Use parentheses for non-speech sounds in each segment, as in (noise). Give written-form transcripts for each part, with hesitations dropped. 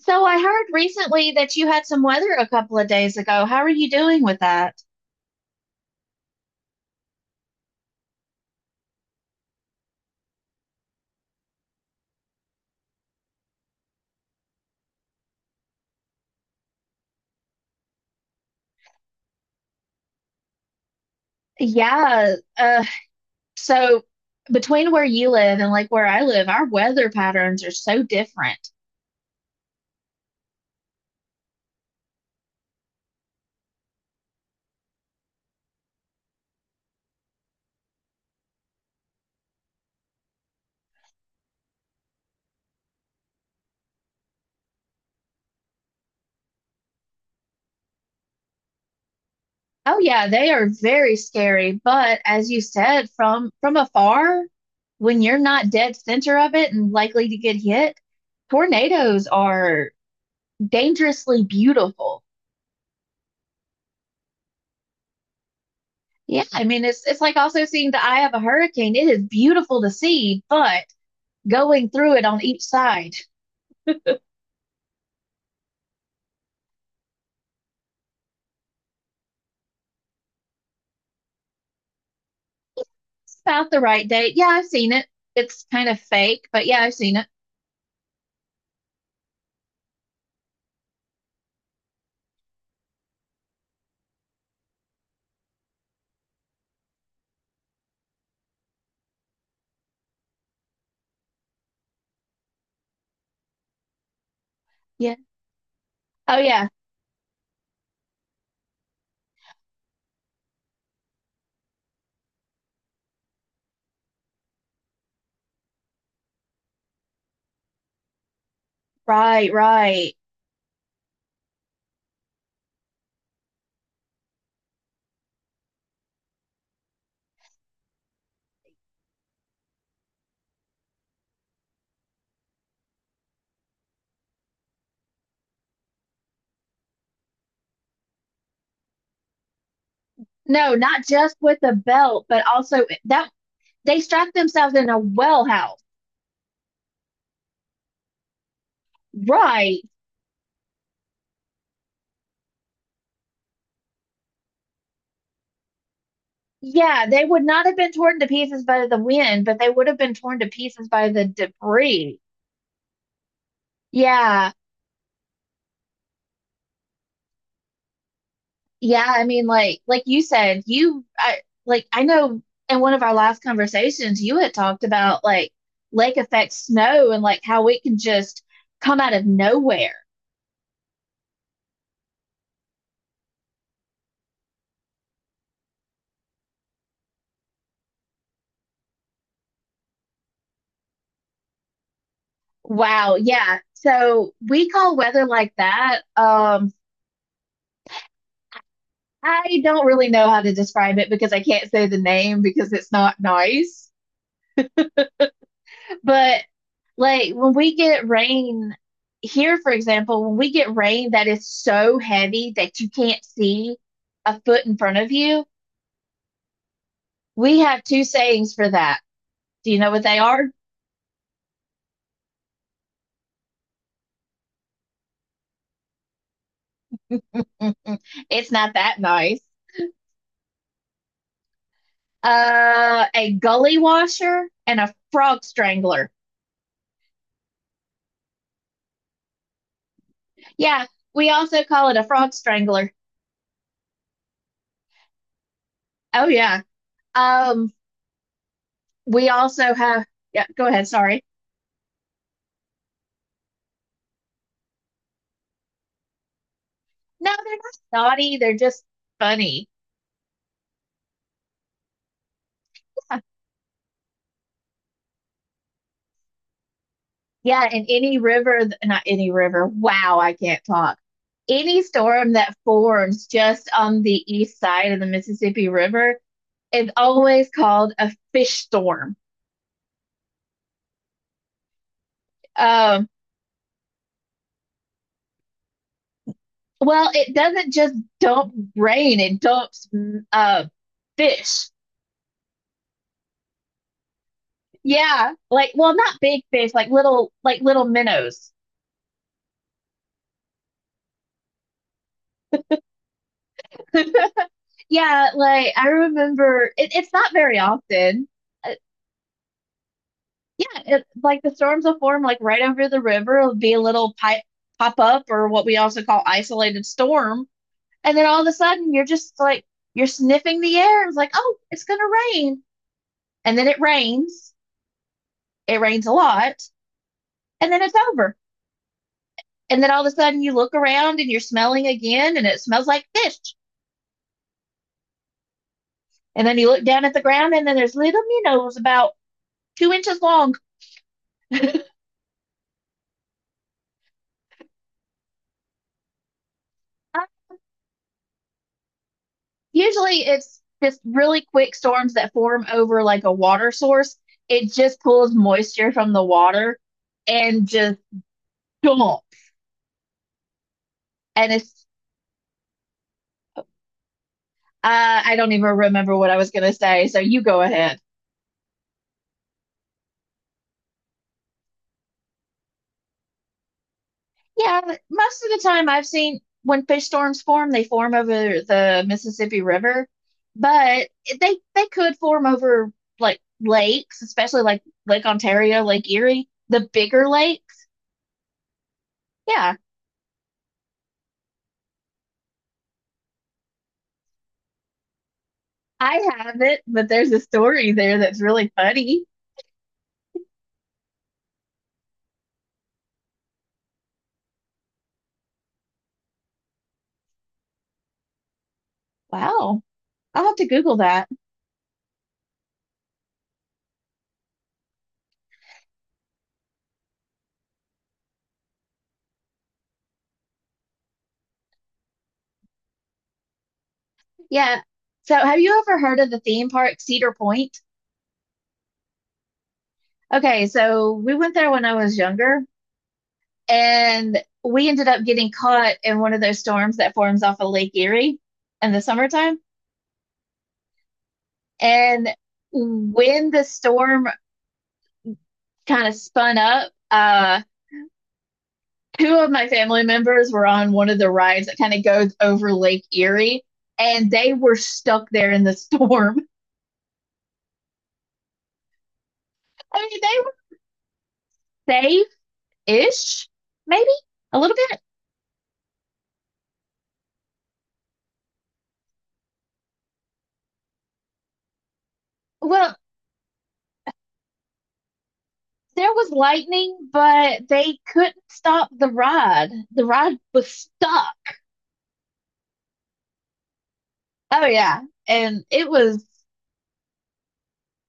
So I heard recently that you had some weather a couple of days ago. How are you doing with that? Yeah, so between where you live and like where I live, our weather patterns are so different. Oh yeah, they are very scary, but as you said, from afar, when you're not dead center of it and likely to get hit, tornadoes are dangerously beautiful. Yeah, I mean it's like also seeing the eye of a hurricane. It is beautiful to see, but going through it on each side. It's about the right date. Yeah, I've seen it. It's kind of fake, but yeah, I've seen it. Yeah. Oh yeah. Right, right. No, not just with the belt, but also that they strapped themselves in a well house. Right. Yeah, they would not have been torn to pieces by the wind, but they would have been torn to pieces by the debris. Yeah. Yeah, I mean, like you said, you I like I know in one of our last conversations you had talked about like lake effect snow and like how it can just come out of nowhere. Wow, yeah. So we call weather like that. I don't really know how to describe it because I can't say the name because it's not nice. But like when we get rain here, for example, when we get rain that is so heavy that you can't see a foot in front of you, we have two sayings for that. Do you know what they are? (laughs) It's not that nice. A gully washer and a frog strangler. Yeah, we also call it a frog strangler. Oh yeah. Um, we also have, yeah, go ahead, sorry. No, they're not naughty, they're just funny. Yeah, and any river, not any river, wow, I can't talk. Any storm that forms just on the east side of the Mississippi River is always called a fish storm. Um, well, it doesn't just dump rain, it dumps fish. Yeah, like, well, not big fish, like little minnows. (laughs) Yeah, like I remember it, it's not very often. Yeah, like the storms will form like right over the river. It'll be a little pipe pop up or what we also call isolated storm. And then all of a sudden you're just like you're sniffing the air. It's like, oh, it's gonna rain. And then it rains. It rains a lot. And then it's over. And then all of a sudden you look around and you're smelling again and it smells like fish. And then you look down at the ground and then there's little minnows about 2 inches long. Usually it's just really quick storms that form over like a water source. It just pulls moisture from the water and just dump. And I don't even remember what I was going to say. So you go ahead. Yeah, most of the time I've seen when fish storms form, they form over the Mississippi River, but they could form over like lakes, especially like Lake Ontario, Lake Erie, the bigger lakes. Yeah. I haven't, but there's a story there that's really funny. Wow. I'll have to Google that. Yeah. So, have you ever heard of the theme park Cedar Point? Okay, so we went there when I was younger, and we ended up getting caught in one of those storms that forms off of Lake Erie in the summertime. And when the storm kind of spun up, two of my family members were on one of the rides that kind of goes over Lake Erie, and they were stuck there in the (laughs) storm. I mean, they were safe-ish, maybe a little bit. Well, there was lightning, but they couldn't stop the ride. The ride was stuck. Oh yeah, and it was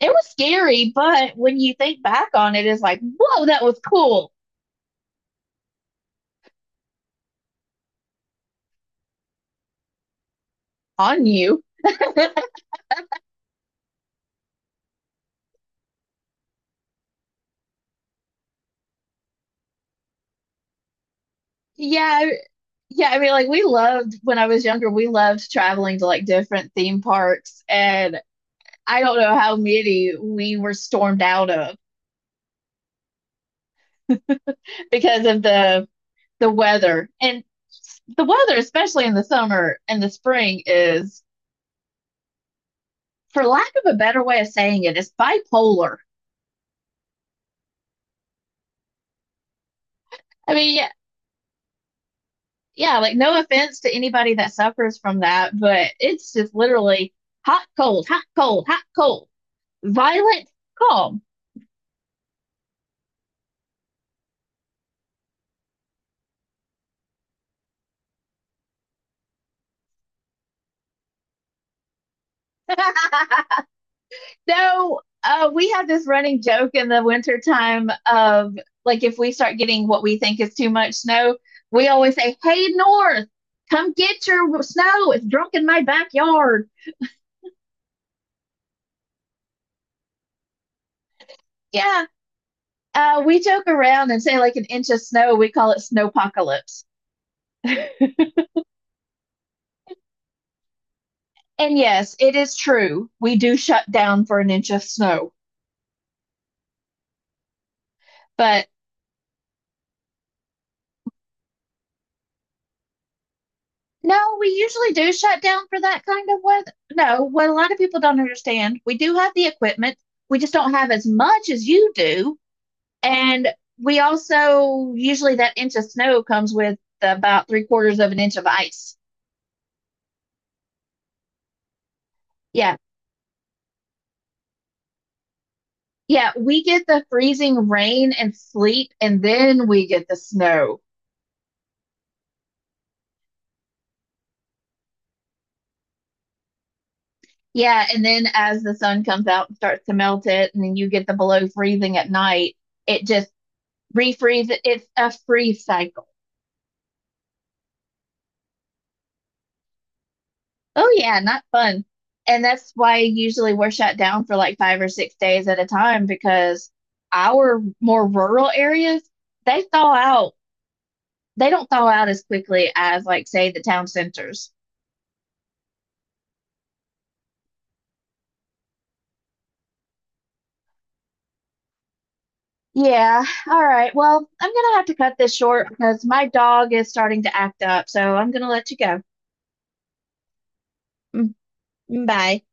it was scary, but when you think back on it, it's like, whoa, that was cool on you. Yeah, yeah. I mean, like we loved when I was younger. We loved traveling to like different theme parks, and I don't know how many we were stormed out of because of the weather and the weather, especially in the summer and the spring, is for lack of a better way of saying it, is bipolar. I mean, yeah, yeah, like no offense to anybody that suffers from that, but it's just literally hot, cold, hot, cold, hot, cold, violent, calm. (laughs) So we have this running joke in the wintertime of like if we start getting what we think is too much snow, we always say, hey, North, come get your snow. It's drunk in my backyard. Yeah. We joke around and say like an inch of snow. We call it snowpocalypse. (laughs) And yes, it is true. We do shut down for an inch of snow. But no, we usually do shut down for that kind of weather. No, what a lot of people don't understand, we do have the equipment. We just don't have as much as you do. And we also usually that inch of snow comes with about three-quarters of an inch of ice. Yeah. Yeah. We get the freezing rain and sleet, and then we get the snow. Yeah. And then as the sun comes out and starts to melt it, and then you get the below freezing at night, it just refreezes. It's a freeze cycle. Oh yeah, not fun. And that's why usually we're shut down for like 5 or 6 days at a time because our more rural areas, they thaw out. They don't thaw out as quickly as like say the town centers. Yeah. All right. Well, I'm gonna have to cut this short because my dog is starting to act up, so I'm gonna let you go. Mm, bye.